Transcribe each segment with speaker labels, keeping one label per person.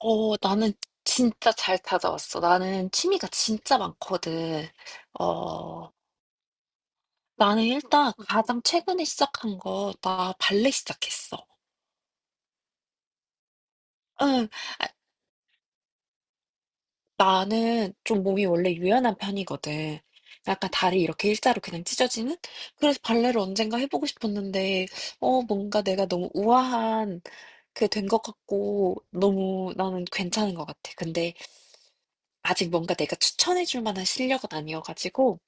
Speaker 1: 어, 나는 진짜 잘 찾아왔어. 나는 취미가 진짜 많거든. 어, 나는 일단 가장 최근에 시작한 거 나 발레 시작했어. 응. 나는 좀 몸이 원래 유연한 편이거든. 약간 다리 이렇게 일자로 그냥 찢어지는? 그래서 발레를 언젠가 해보고 싶었는데, 뭔가 내가 너무 우아한 그 된 것 같고, 너무 나는 괜찮은 것 같아. 근데 아직 뭔가 내가 추천해줄 만한 실력은 아니어가지고,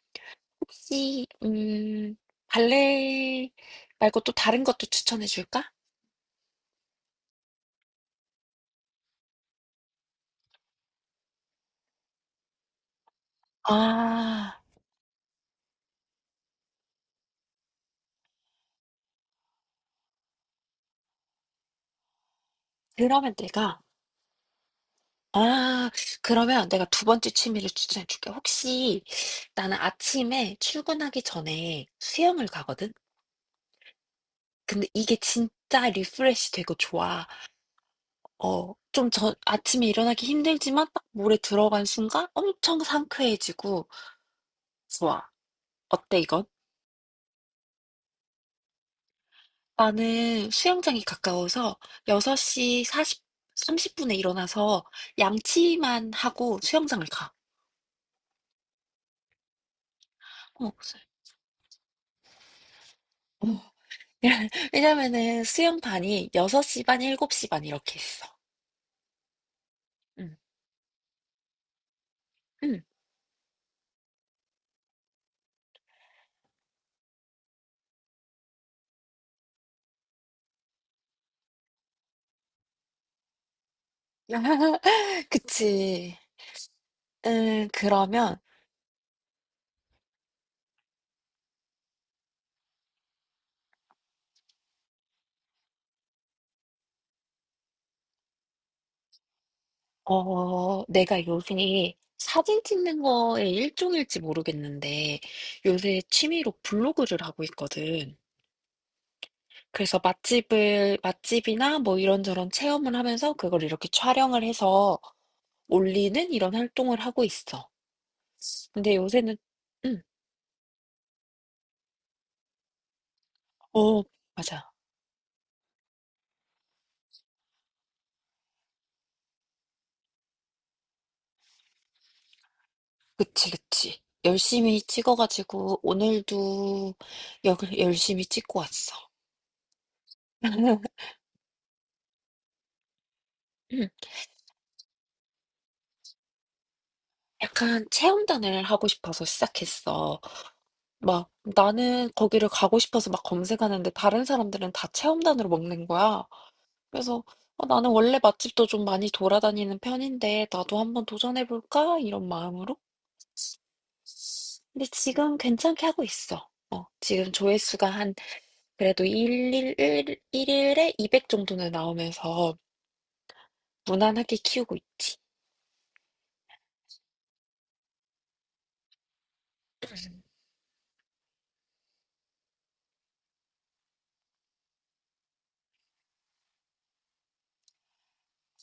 Speaker 1: 혹시 발레 말고 또 다른 것도 추천해 줄까? 아 그러면 내가 아 그러면 내가 두 번째 취미를 추천해 줄게. 혹시 나는 아침에 출근하기 전에 수영을 가거든. 근데 이게 진짜 리프레시 되고 좋아. 좀 아침에 일어나기 힘들지만 딱 물에 들어간 순간 엄청 상쾌해지고 좋아. 어때 이건? 나는 수영장이 가까워서 6시 사십 30분에 일어나서 양치만 하고 수영장을 가. 어. 어, 왜냐면은 수영반이 6시 반, 7시 반 이렇게 있어. 응. 응. 그치. 그러면, 내가 요새 사진 찍는 거에 일종일지 모르겠는데, 요새 취미로 블로그를 하고 있거든. 그래서 맛집을 맛집이나 뭐 이런저런 체험을 하면서 그걸 이렇게 촬영을 해서 올리는 이런 활동을 하고 있어. 근데 요새는, 응, 어, 맞아. 그치, 그치. 열심히 찍어 가지고 오늘도 역 열심히 찍고 왔어. 음. 약간 체험단을 하고 싶어서 시작했어. 막 나는 거기를 가고 싶어서 막 검색하는데 다른 사람들은 다 체험단으로 먹는 거야. 그래서 나는 원래 맛집도 좀 많이 돌아다니는 편인데 나도 한번 도전해볼까? 이런 마음으로. 근데 지금 괜찮게 하고 있어. 지금 조회수가 한 그래도 1일, 일일에 200 정도는 나오면서 무난하게 키우고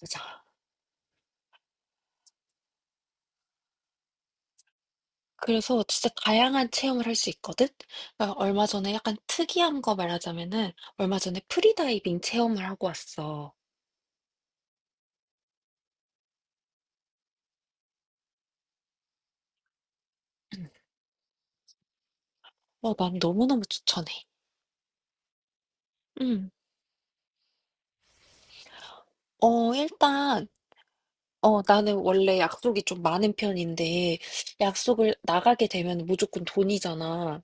Speaker 1: 있자. 그래서 진짜 다양한 체험을 할 수 있거든? 그러니까 얼마 전에 약간 특이한 거 말하자면은 얼마 전에 프리다이빙 체험을 하고 왔어. 음. 난 너무너무 추천해. 음. 일단 나는 원래 약속이 좀 많은 편인데, 약속을 나가게 되면 무조건 돈이잖아.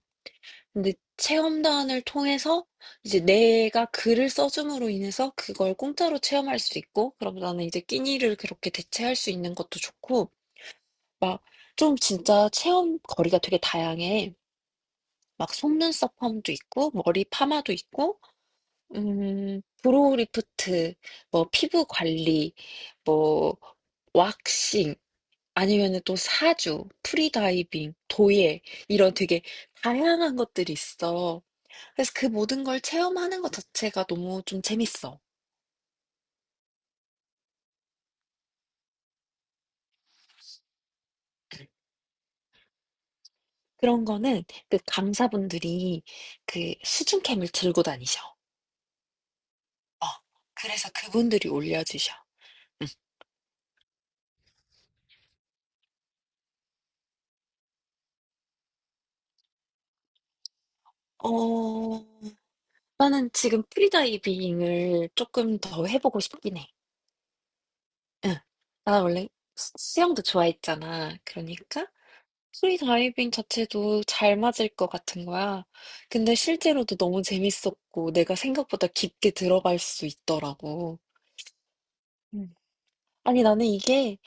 Speaker 1: 근데 체험단을 통해서 이제 내가 글을 써줌으로 인해서 그걸 공짜로 체험할 수 있고, 그럼 나는 이제 끼니를 그렇게 대체할 수 있는 것도 좋고, 막 좀 진짜 체험 거리가 되게 다양해. 막 속눈썹 펌도 있고, 머리 파마도 있고, 브로우 리프트, 뭐 피부 관리, 뭐 왁싱, 아니면은 또 사주, 프리다이빙, 도예 이런 되게 다양한 것들이 있어. 그래서 그 모든 걸 체험하는 것 자체가 너무 좀 재밌어. 그런 거는 그 강사분들이 그 수중캠을 들고 다니셔. 어, 그래서 그분들이 올려주셔. 응. 어, 나는 지금 프리다이빙을 조금 더 해보고 싶긴 해. 응. 나 원래 수영도 좋아했잖아. 그러니까 프리다이빙 자체도 잘 맞을 것 같은 거야. 근데 실제로도 너무 재밌었고, 내가 생각보다 깊게 들어갈 수 있더라고. 음. 아니, 나는 이게,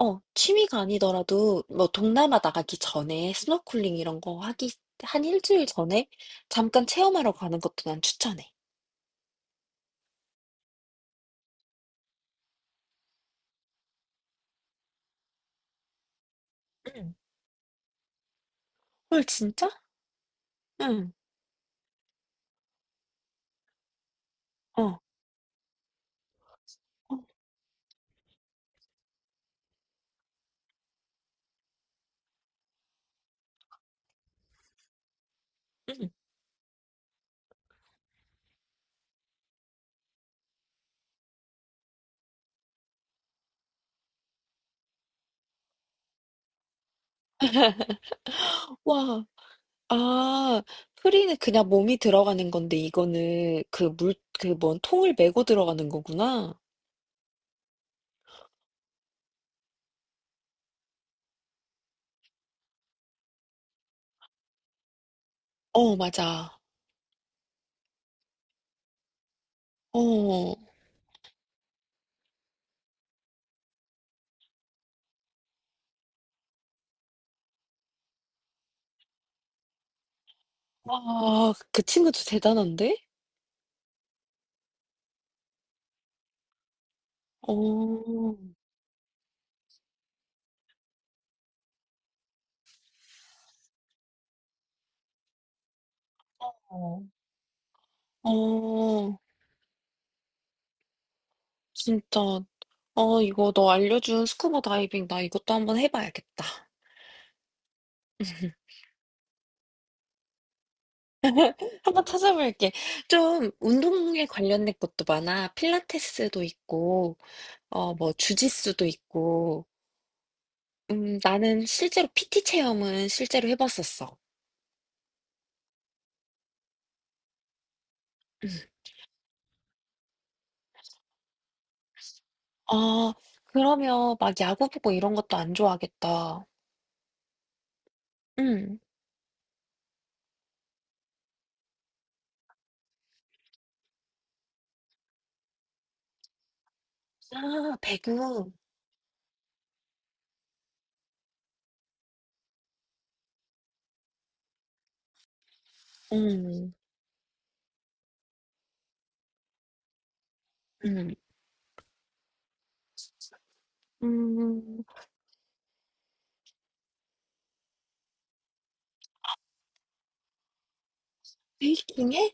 Speaker 1: 취미가 아니더라도, 뭐, 동남아 나가기 전에, 스노클링 이런 거 하기, 한 일주일 전에, 잠깐 체험하러 가는 것도 난 추천해. 응. 헐, 진짜? 응, 어, 어, 응. 와, 아, 프리는 그냥 몸이 들어가는 건데, 이거는 그 뭔 통을 메고 들어가는 거구나. 어, 맞아. 어. 와, 그 친구도 대단한데? 어. 어. 어. 진짜. 어, 이거 너 알려준 스쿠버 다이빙 나 이것도 한번 해 봐야겠다. 한번 찾아볼게. 좀 운동에 관련된 것도 많아. 필라테스도 있고 뭐 주짓수도 있고. 나는 실제로 PT 체험은 실제로 해 봤었어. 음. 아, 그러면 막 야구 보고 이런 것도 안 좋아하겠다. 음. 아, 배구. 음. 음. 음. 베이킹해?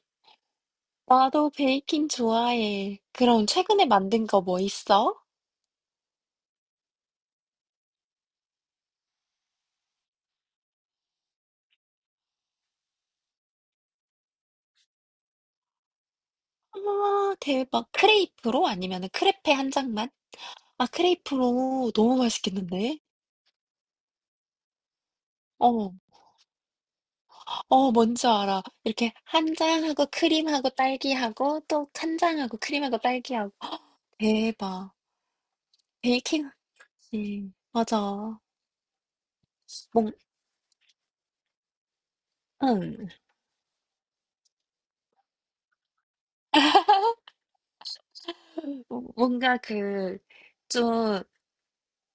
Speaker 1: 나도 베이킹 좋아해. 그럼 최근에 만든 거 뭐 있어? 아, 대박. 크레이프로? 아니면 크레페 한 장만? 아, 크레이프로 너무 맛있겠는데? 어, 어, 뭔지 알아. 이렇게 한 장하고 크림하고 딸기하고 또 한 장하고 크림하고 딸기하고. 대박. 베이킹 하지. 맞아. 뭔, 응. 뭔가 그, 좀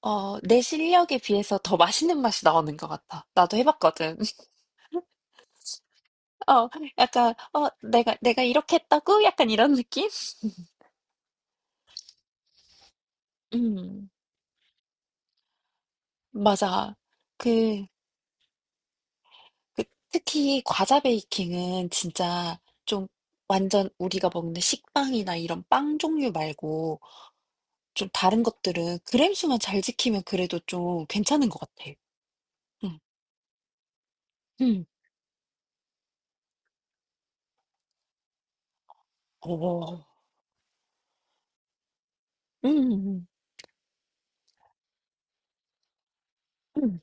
Speaker 1: 내 실력에 비해서 더 맛있는 맛이 나오는 것 같아. 나도 해봤거든. 어, 약간, 내가 이렇게 했다고? 약간 이런 느낌? 음, 맞아. 그, 그, 특히 과자 베이킹은 진짜 좀 완전 우리가 먹는 식빵이나 이런 빵 종류 말고 좀 다른 것들은 그램 수만 잘 지키면 그래도 좀 괜찮은 것 같아. 응. 응. 오, 응, 응, 응.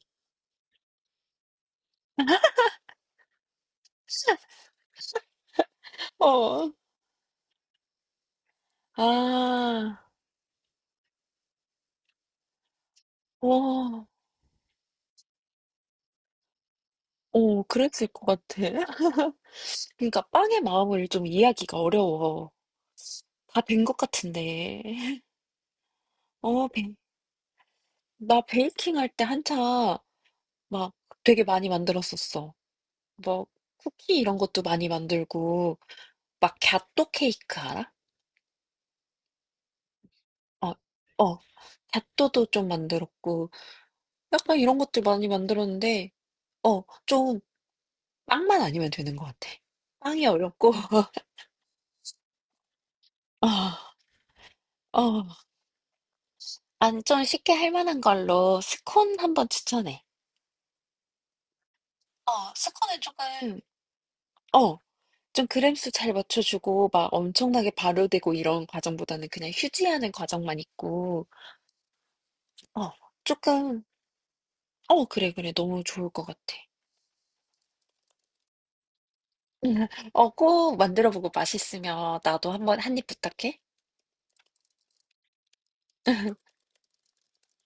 Speaker 1: 어, 아, 오. 어, 그랬을 것 같아. 그러니까 빵의 마음을 좀 이해하기가 어려워. 다 된 것 같은데. 어, 베, 나 베이킹 할 때 한참 막 되게 많이 만들었었어. 뭐 쿠키 이런 것도 많이 만들고 막 갸또 케이크 알아? 어, 어. 갸또도 좀 만들었고 약간 이런 것들 많이 만들었는데 좀 빵만 아니면 되는 것 같아. 빵이 어렵고 어, 어. 아니 좀 쉽게 할 만한 걸로 스콘 한번 추천해. 스콘은 조금 어. 좀 그램수 잘 맞춰주고 막 엄청나게 발효되고 이런 과정보다는 그냥 휴지하는 과정만 있고 어, 조금 그래, 그래. 너무 좋을 것 같아. 꼭 만들어 보고 맛있으면 나도 한번 한입 부탁해.